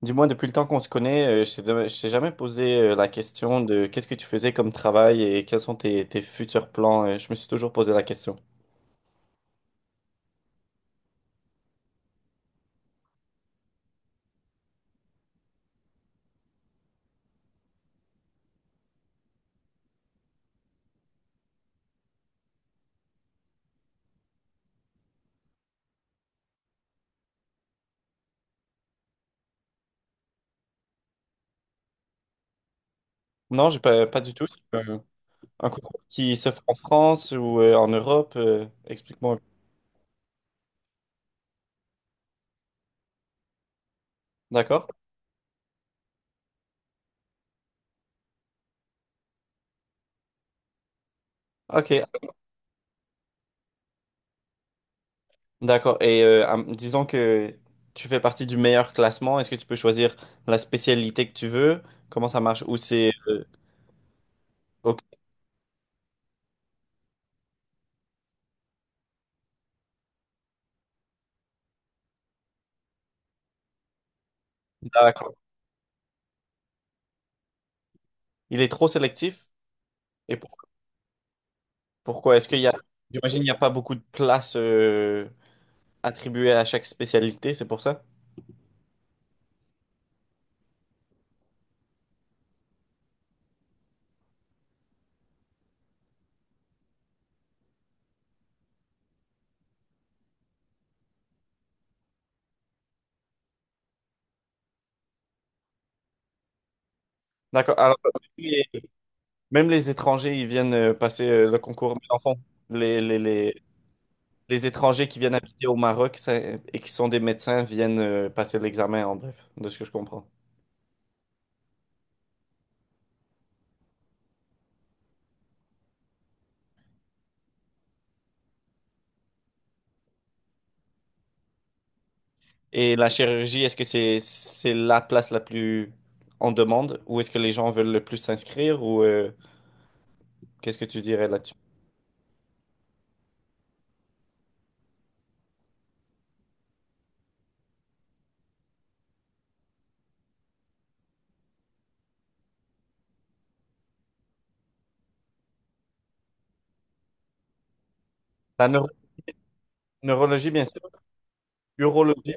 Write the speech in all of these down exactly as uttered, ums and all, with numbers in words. Dis-moi, depuis le temps qu'on se connaît, euh, je t'ai dema- je t'ai jamais posé euh, la question de qu'est-ce que tu faisais comme travail et quels sont tes, tes futurs plans. Euh, je me suis toujours posé la question. Non, j'ai pas, pas du tout. C'est un, un concours qui se fait en France ou euh, en Europe. Euh, explique-moi. D'accord? Ok, d'accord. Et euh, am- disons que tu fais partie du meilleur classement. Est-ce que tu peux choisir la spécialité que tu veux? Comment ça marche? Ou c'est... euh, ok, d'accord. Il est trop sélectif? Et pourquoi? Est-ce qu'il y a... J'imagine il n'y a pas beaucoup de places euh, attribuée à chaque spécialité, c'est pour ça? D'accord. Alors, les- même les étrangers, ils viennent euh, passer euh, le concours, mais en fond, les, les, les, les étrangers qui viennent habiter au Maroc ça- et qui sont des médecins viennent euh, passer l'examen, en bref, de ce que je comprends. Et la chirurgie, est-ce que c'est c'est la place la plus en demande ou est-ce que les gens veulent le plus s'inscrire ou euh, qu'est-ce que tu dirais là-dessus? La neuro- Neurologie, bien sûr. Urologie,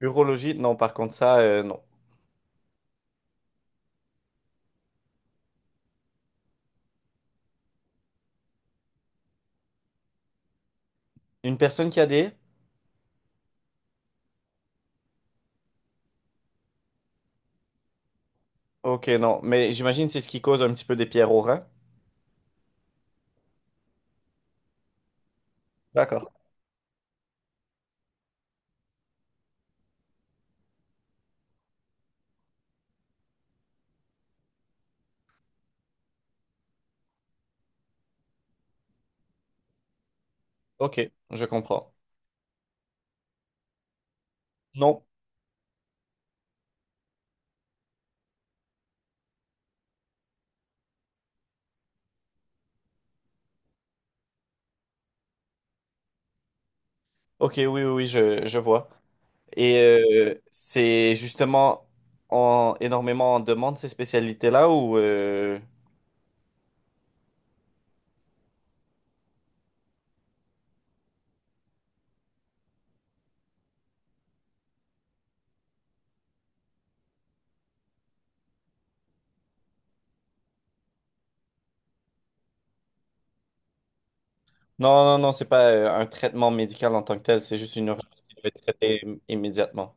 urologie, non, par contre, ça, euh, non. Une personne qui a des... Ok, non, mais j'imagine c'est ce qui cause un petit peu des pierres au rein. D'accord. Ok, je comprends. Non. Ok, oui, oui, oui, je, je vois. Et euh, c'est justement en, énormément en demande ces spécialités-là ou euh, non, non, non, c'est pas euh, un traitement médical en tant que tel, c'est juste une urgence qui doit être traitée im- immédiatement.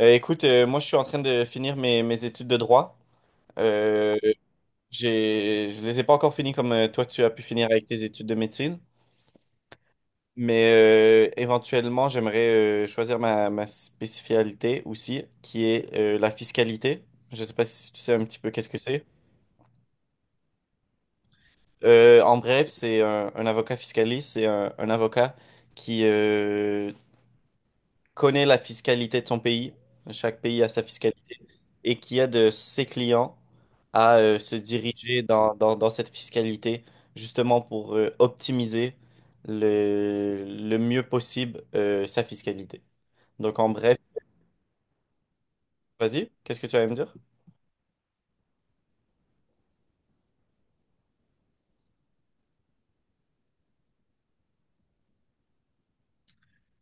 Euh, écoute, euh, moi je suis en train de finir mes, mes études de droit. Euh, j'ai, je les ai pas encore finies comme euh, toi tu as pu finir avec tes études de médecine, mais euh, éventuellement j'aimerais euh, choisir ma, ma spécialité aussi, qui est euh, la fiscalité. Je sais pas si tu sais un petit peu qu'est-ce que c'est. Euh, en bref, c'est un, un avocat fiscaliste, c'est un, un avocat qui euh, connaît la fiscalité de son pays, chaque pays a sa fiscalité, et qui aide euh, ses clients à euh, se diriger dans, dans- dans cette fiscalité, justement pour euh, optimiser le, le mieux possible euh, sa fiscalité. Donc en bref, vas-y, qu'est-ce que tu vas me dire?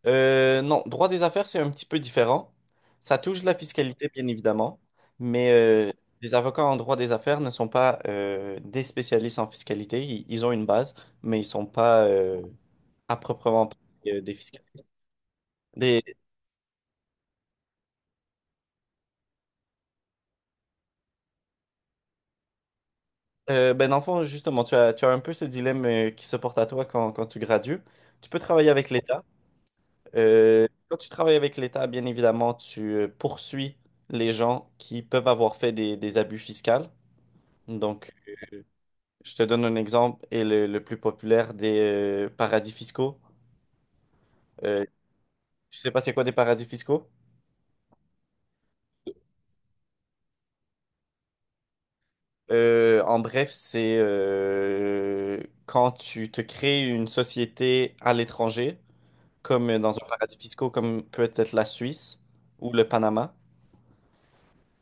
Euh, non, droit des affaires, c'est un petit peu différent. Ça touche la fiscalité, bien évidemment, mais euh, les avocats en droit des affaires ne sont pas euh, des spécialistes en fiscalité. Ils, ils ont une base, mais ils sont pas euh, à proprement parler euh, des fiscalistes. Des, euh, ben, dans le fond, justement, tu as, tu as un peu ce dilemme euh, qui se porte à toi quand, quand tu gradues. Tu peux travailler avec l'État. Euh, quand tu travailles avec l'État, bien évidemment, tu euh, poursuis les gens qui peuvent avoir fait des, des abus fiscaux. Donc, je te donne un exemple et le, le plus populaire des euh, paradis fiscaux. Euh, Tu sais pas c'est quoi des paradis fiscaux? Euh, en bref, c'est euh, quand tu te crées une société à l'étranger, comme dans un paradis fiscaux, comme peut être la Suisse ou le Panama.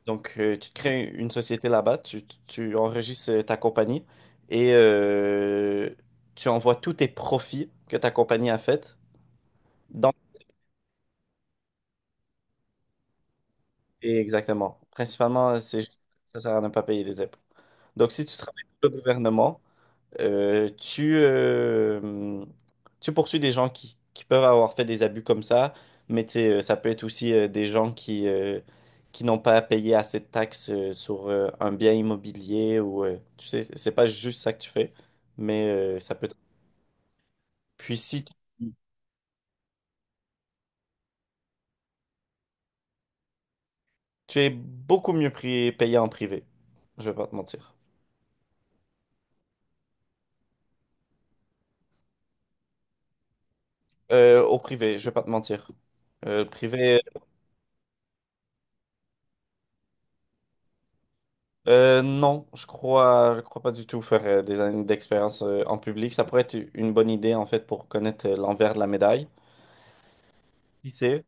Donc, euh, tu te crées une société là-bas, tu, tu enregistres euh, ta compagnie et euh, tu envoies tous tes profits que ta compagnie a fait dans. Et exactement. Principalement, c'est juste- ça sert à ne pas payer des impôts. Donc, si tu travailles pour le gouvernement, euh, tu, euh, tu poursuis des gens qui, qui peuvent avoir fait des abus comme ça, mais tu sais, euh, ça peut être aussi euh, des gens qui, euh, qui n'ont pas payé assez de taxes euh, sur euh, un bien immobilier ou, euh, tu sais, c'est c'est pas juste ça que tu fais, mais euh, ça peut être... Puis si tu, tu es beaucoup mieux pri- payé en privé, je vais pas te mentir. Euh, au privé, je vais pas te mentir. Euh, le privé, euh, non, je crois, je crois pas du tout faire euh, des années d'expérience euh, en public. Ça pourrait être une bonne idée en fait pour connaître euh, l'envers de la médaille. Qui sait?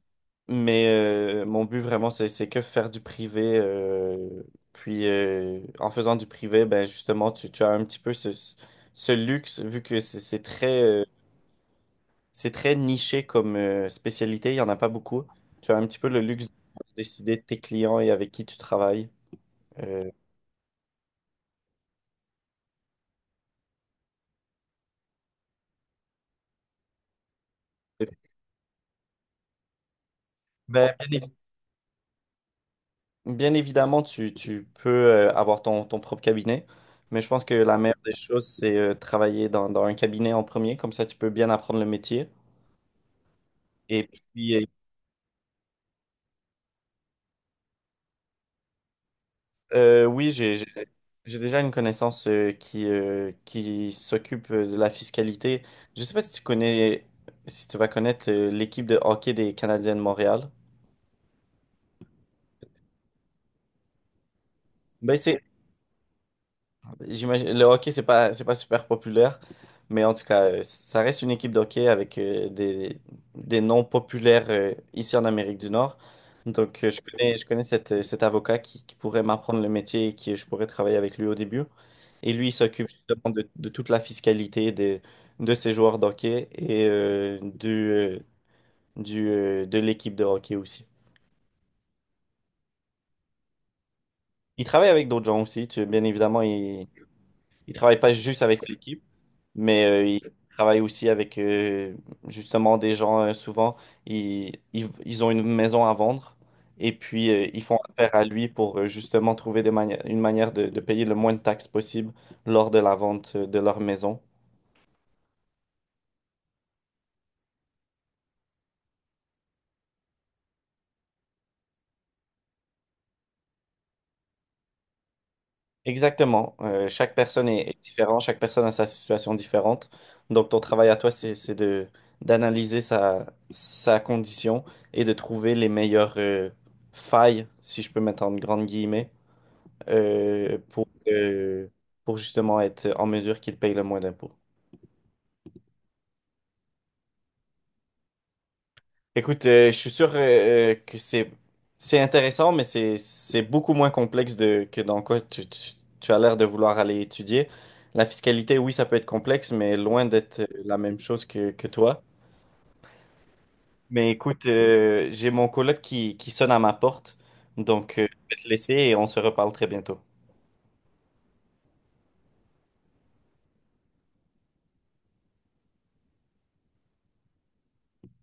Mais euh, mon but vraiment, c'est, c'est que faire du privé. Euh, puis euh, en faisant du privé, ben justement, tu, tu as un petit peu ce, ce luxe vu que c'est c'est très, euh, c'est très niché comme euh, spécialité. Il y en a pas beaucoup. Tu as un petit peu le luxe de décider de tes clients et avec qui tu travailles. Euh, Ben, bien, évi- Bien évidemment, tu, tu peux euh, avoir ton, ton propre cabinet, mais je pense que la meilleure des choses, c'est euh, travailler dans, dans un cabinet en premier, comme ça tu peux bien apprendre le métier. Et puis, euh, euh, oui, j'ai, j'ai j'ai déjà une connaissance euh, qui, euh, qui s'occupe euh, de la fiscalité. Je sais pas si tu connais, si tu vas connaître euh, l'équipe de hockey des Canadiens de Montréal. Ben, c'est. J'imagine, le hockey, c'est pas, c'est pas super populaire, mais en tout cas, euh, ça reste une équipe de hockey avec euh, des, des noms populaires euh, ici en Amérique du Nord. Donc, euh, je connais, je connais cet, euh, cet avocat qui, qui pourrait m'apprendre le métier et qui euh, je pourrais travailler avec lui au début. Et lui, il s'occupe justement de, de toute la fiscalité des, de ces joueurs de hockey et euh, du, euh, du, euh, de l'équipe de hockey aussi. Il travaille avec d'autres gens aussi, tu- bien évidemment, il ne travaille pas juste avec l'équipe. Mais euh, il travaille aussi avec euh, justement des gens, euh, souvent, ils, ils, ils ont une maison à vendre et puis euh, ils font affaire à lui pour euh, justement trouver des mani- une manière de, de payer le moins de taxes possible lors de la vente euh, de leur maison. Exactement. Euh, chaque personne est, est différente, chaque personne a sa situation différente. Donc ton travail à toi, c'est, c'est de, d'analyser sa, sa condition et de trouver les meilleures euh, failles, si je peux mettre en grandes guillemets euh, pour, euh, pour justement être en mesure qu'ils payent le moins d'impôts. Écoute, euh, je suis sûr euh, euh, que c'est c'est intéressant, mais c'est c'est beaucoup moins complexe de, que dans quoi tu, tu, tu as l'air de vouloir aller étudier. La fiscalité, oui, ça peut être complexe, mais loin d'être euh, la même chose que, que toi. Mais écoute, euh, j'ai mon coloc qui, qui sonne à ma porte, donc euh, je vais te laisser et on se reparle très bientôt.